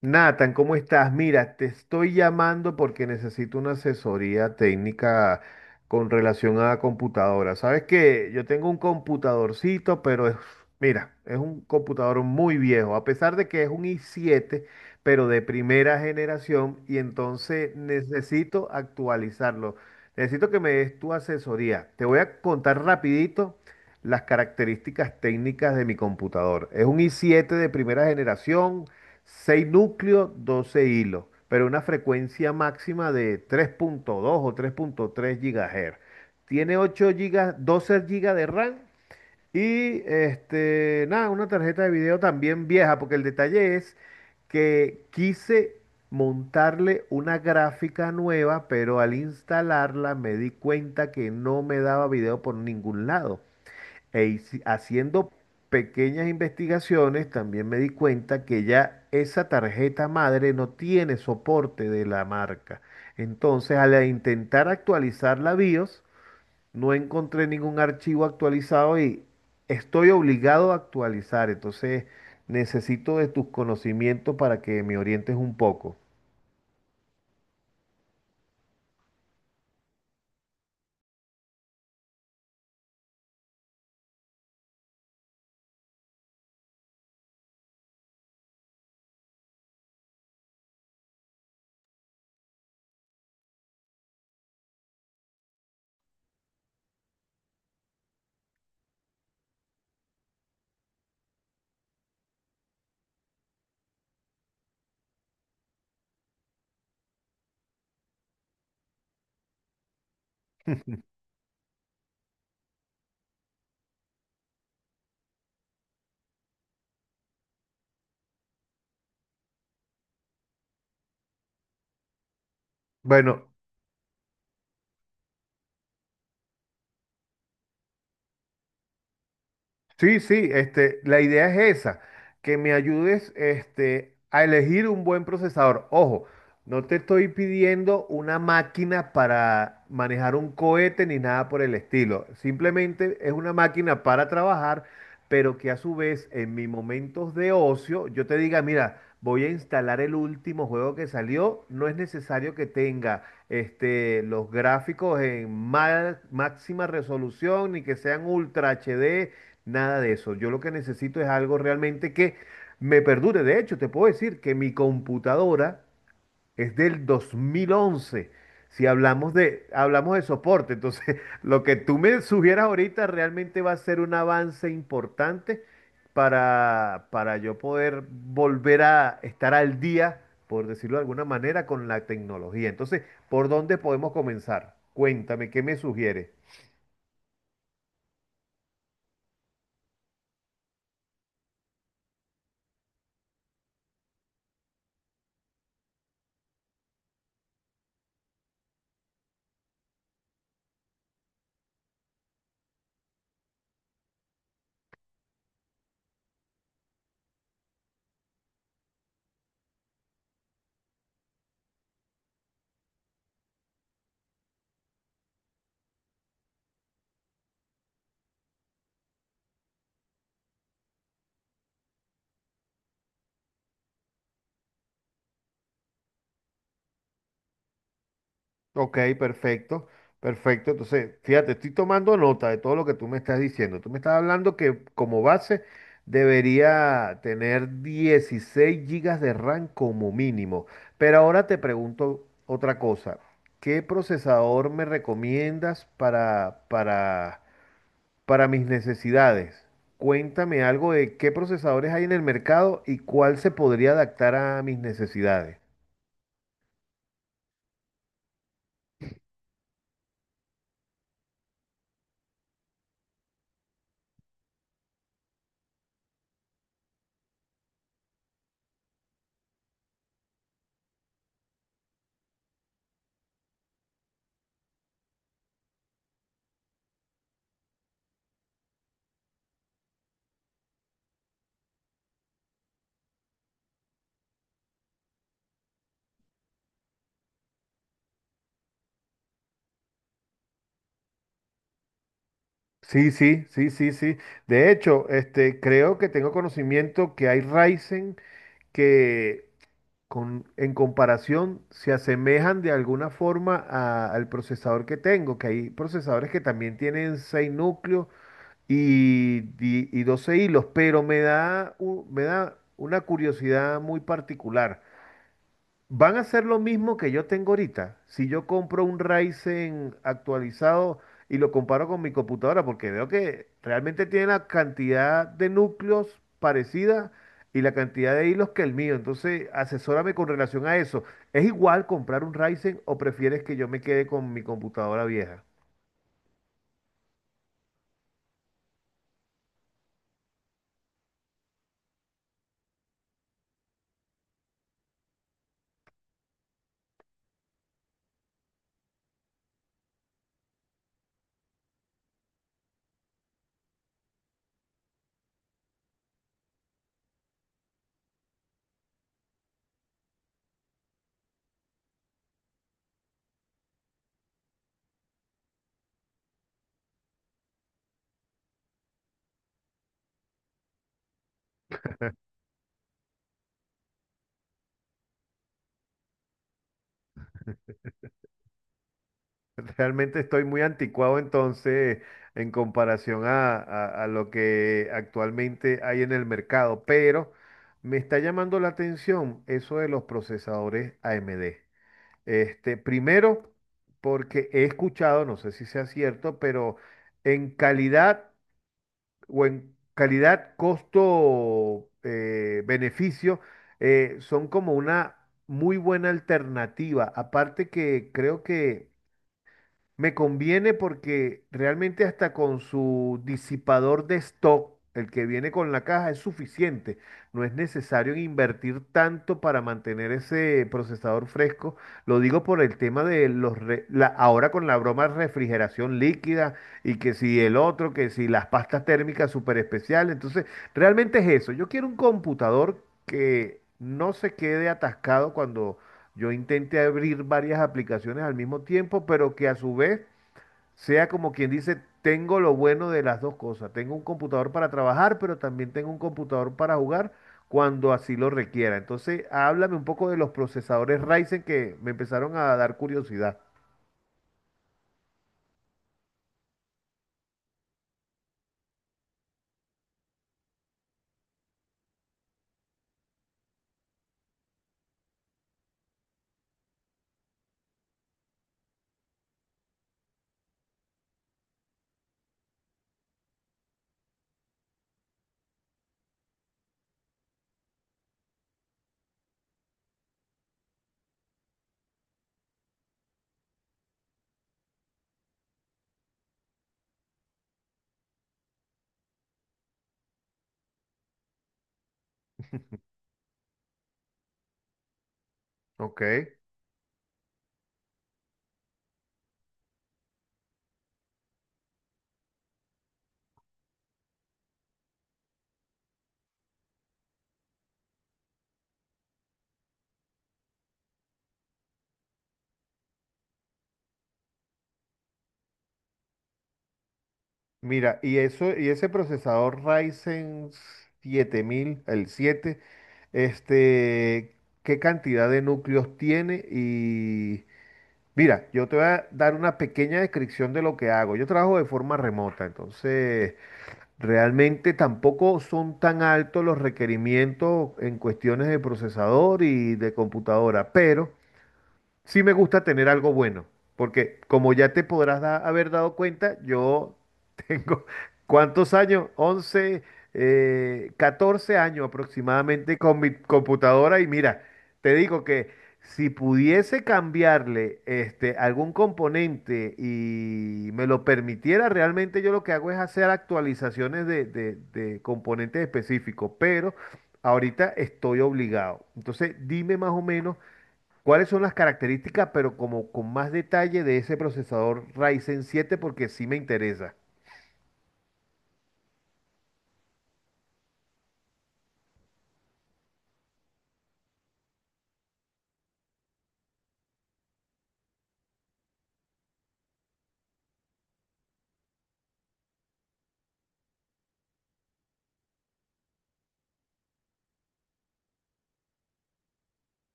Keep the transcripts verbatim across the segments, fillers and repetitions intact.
Nathan, ¿cómo estás? Mira, te estoy llamando porque necesito una asesoría técnica con relación a computadoras. Sabes que yo tengo un computadorcito, pero es, mira, es un computador muy viejo, a pesar de que es un i siete, pero de primera generación, y entonces necesito actualizarlo. Necesito que me des tu asesoría. Te voy a contar rapidito las características técnicas de mi computador. Es un i siete de primera generación, seis núcleos, doce hilos, pero una frecuencia máxima de tres punto dos o tres punto tres GHz. Tiene ocho gigas, doce gigas de RAM y este, nada, una tarjeta de video también vieja, porque el detalle es que quise montarle una gráfica nueva, pero al instalarla me di cuenta que no me daba video por ningún lado. E hici- haciendo pequeñas investigaciones, también me di cuenta que ya esa tarjeta madre no tiene soporte de la marca. Entonces, al intentar actualizar la BIOS, no encontré ningún archivo actualizado y estoy obligado a actualizar. Entonces, necesito de tus conocimientos para que me orientes un poco. Bueno, sí, sí, este, la idea es esa, que me ayudes este, a elegir un buen procesador. Ojo, no te estoy pidiendo una máquina para manejar un cohete ni nada por el estilo. Simplemente es una máquina para trabajar, pero que a su vez en mis momentos de ocio yo te diga, mira, voy a instalar el último juego que salió. No es necesario que tenga este, los gráficos en ma- máxima resolución ni que sean ultra H D. Nada de eso. Yo lo que necesito es algo realmente que me perdure. De hecho, te puedo decir que mi computadora es del dos mil once. Si hablamos de, hablamos de soporte, entonces lo que tú me sugieras ahorita realmente va a ser un avance importante para, para yo poder volver a estar al día, por decirlo de alguna manera, con la tecnología. Entonces, ¿por dónde podemos comenzar? Cuéntame, ¿qué me sugieres? Ok, perfecto, perfecto. Entonces, fíjate, estoy tomando nota de todo lo que tú me estás diciendo. Tú me estás hablando que como base debería tener dieciséis gigas de RAM como mínimo. Pero ahora te pregunto otra cosa. ¿Qué procesador me recomiendas para, para, para mis necesidades? Cuéntame algo de qué procesadores hay en el mercado y cuál se podría adaptar a mis necesidades. Sí, sí, sí, sí, sí. De hecho, este, creo que tengo conocimiento que hay Ryzen que con, en comparación se asemejan de alguna forma a- al procesador que tengo, que hay procesadores que también tienen seis núcleos y, di- y doce hilos, pero me da, u- me da una curiosidad muy particular. Van a hacer lo mismo que yo tengo ahorita. Si yo compro un Ryzen actualizado y lo comparo con mi computadora, porque veo que realmente tiene la cantidad de núcleos parecida y la cantidad de hilos que el mío. Entonces, asesórame con relación a eso. ¿Es igual comprar un Ryzen o prefieres que yo me quede con mi computadora vieja? Realmente estoy muy anticuado entonces en comparación a, a- a lo que actualmente hay en el mercado, pero me está llamando la atención eso de los procesadores A M D. Este, primero, porque he escuchado, no sé si sea cierto, pero en calidad o en calidad costo eh, beneficio, eh, son como una muy buena alternativa. Aparte que creo que me conviene porque realmente hasta con su disipador de stock, el que viene con la caja, es suficiente. No es necesario invertir tanto para mantener ese procesador fresco. Lo digo por el tema de los... re- la- ahora con la broma de refrigeración líquida y que si el otro, que si las pastas térmicas súper especiales. Entonces, realmente es eso. Yo quiero un computador que no se quede atascado cuando yo intenté abrir varias aplicaciones al mismo tiempo, pero que a su vez sea como quien dice, tengo lo bueno de las dos cosas. Tengo un computador para trabajar, pero también tengo un computador para jugar cuando así lo requiera. Entonces, háblame un poco de los procesadores Ryzen que me empezaron a dar curiosidad. Ok. Mira, y eso, y ese procesador Ryzen siete mil el siete, este, ¿qué cantidad de núcleos tiene? Y mira, yo te voy a dar una pequeña descripción de lo que hago. Yo trabajo de forma remota, entonces realmente tampoco son tan altos los requerimientos en cuestiones de procesador y de computadora, pero sí me gusta tener algo bueno, porque como ya te podrás da- haber dado cuenta, yo tengo, ¿cuántos años? once, eh, catorce años aproximadamente con mi computadora y mira, te digo que si pudiese cambiarle este, algún componente y me lo permitiera, realmente yo lo que hago es hacer actualizaciones de, de de componentes específicos, pero ahorita estoy obligado. Entonces, dime más o menos. ¿Cuáles son las características, pero como con más detalle de ese procesador Ryzen siete? Porque sí me interesa.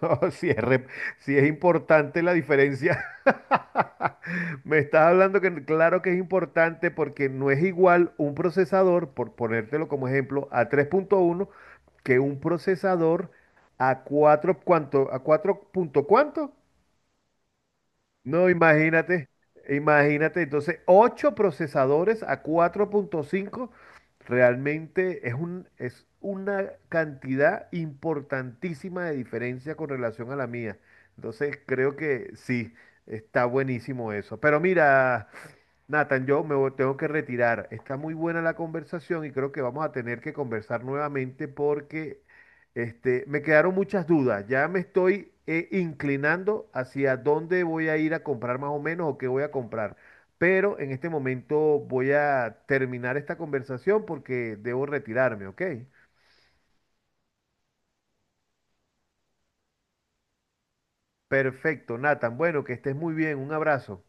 No, si es, re- Sí es importante la diferencia. Me estás hablando que claro que es importante porque no es igual un procesador, por ponértelo como ejemplo, a tres punto uno que un procesador a cuatro, ¿cuánto? ¿A cuatro punto cuánto? No, imagínate, imagínate. Entonces, ocho procesadores a cuatro punto cinco, realmente es un, es una cantidad importantísima de diferencia con relación a la mía. Entonces, creo que sí, está buenísimo eso. Pero mira, Nathan, yo me vo- tengo que retirar. Está muy buena la conversación y creo que vamos a tener que conversar nuevamente porque este, me quedaron muchas dudas. Ya me estoy eh, inclinando hacia dónde voy a ir a comprar más o menos o qué voy a comprar. Pero en este momento voy a terminar esta conversación porque debo retirarme, ¿ok? Perfecto, Nathan. Bueno, que estés muy bien. Un abrazo.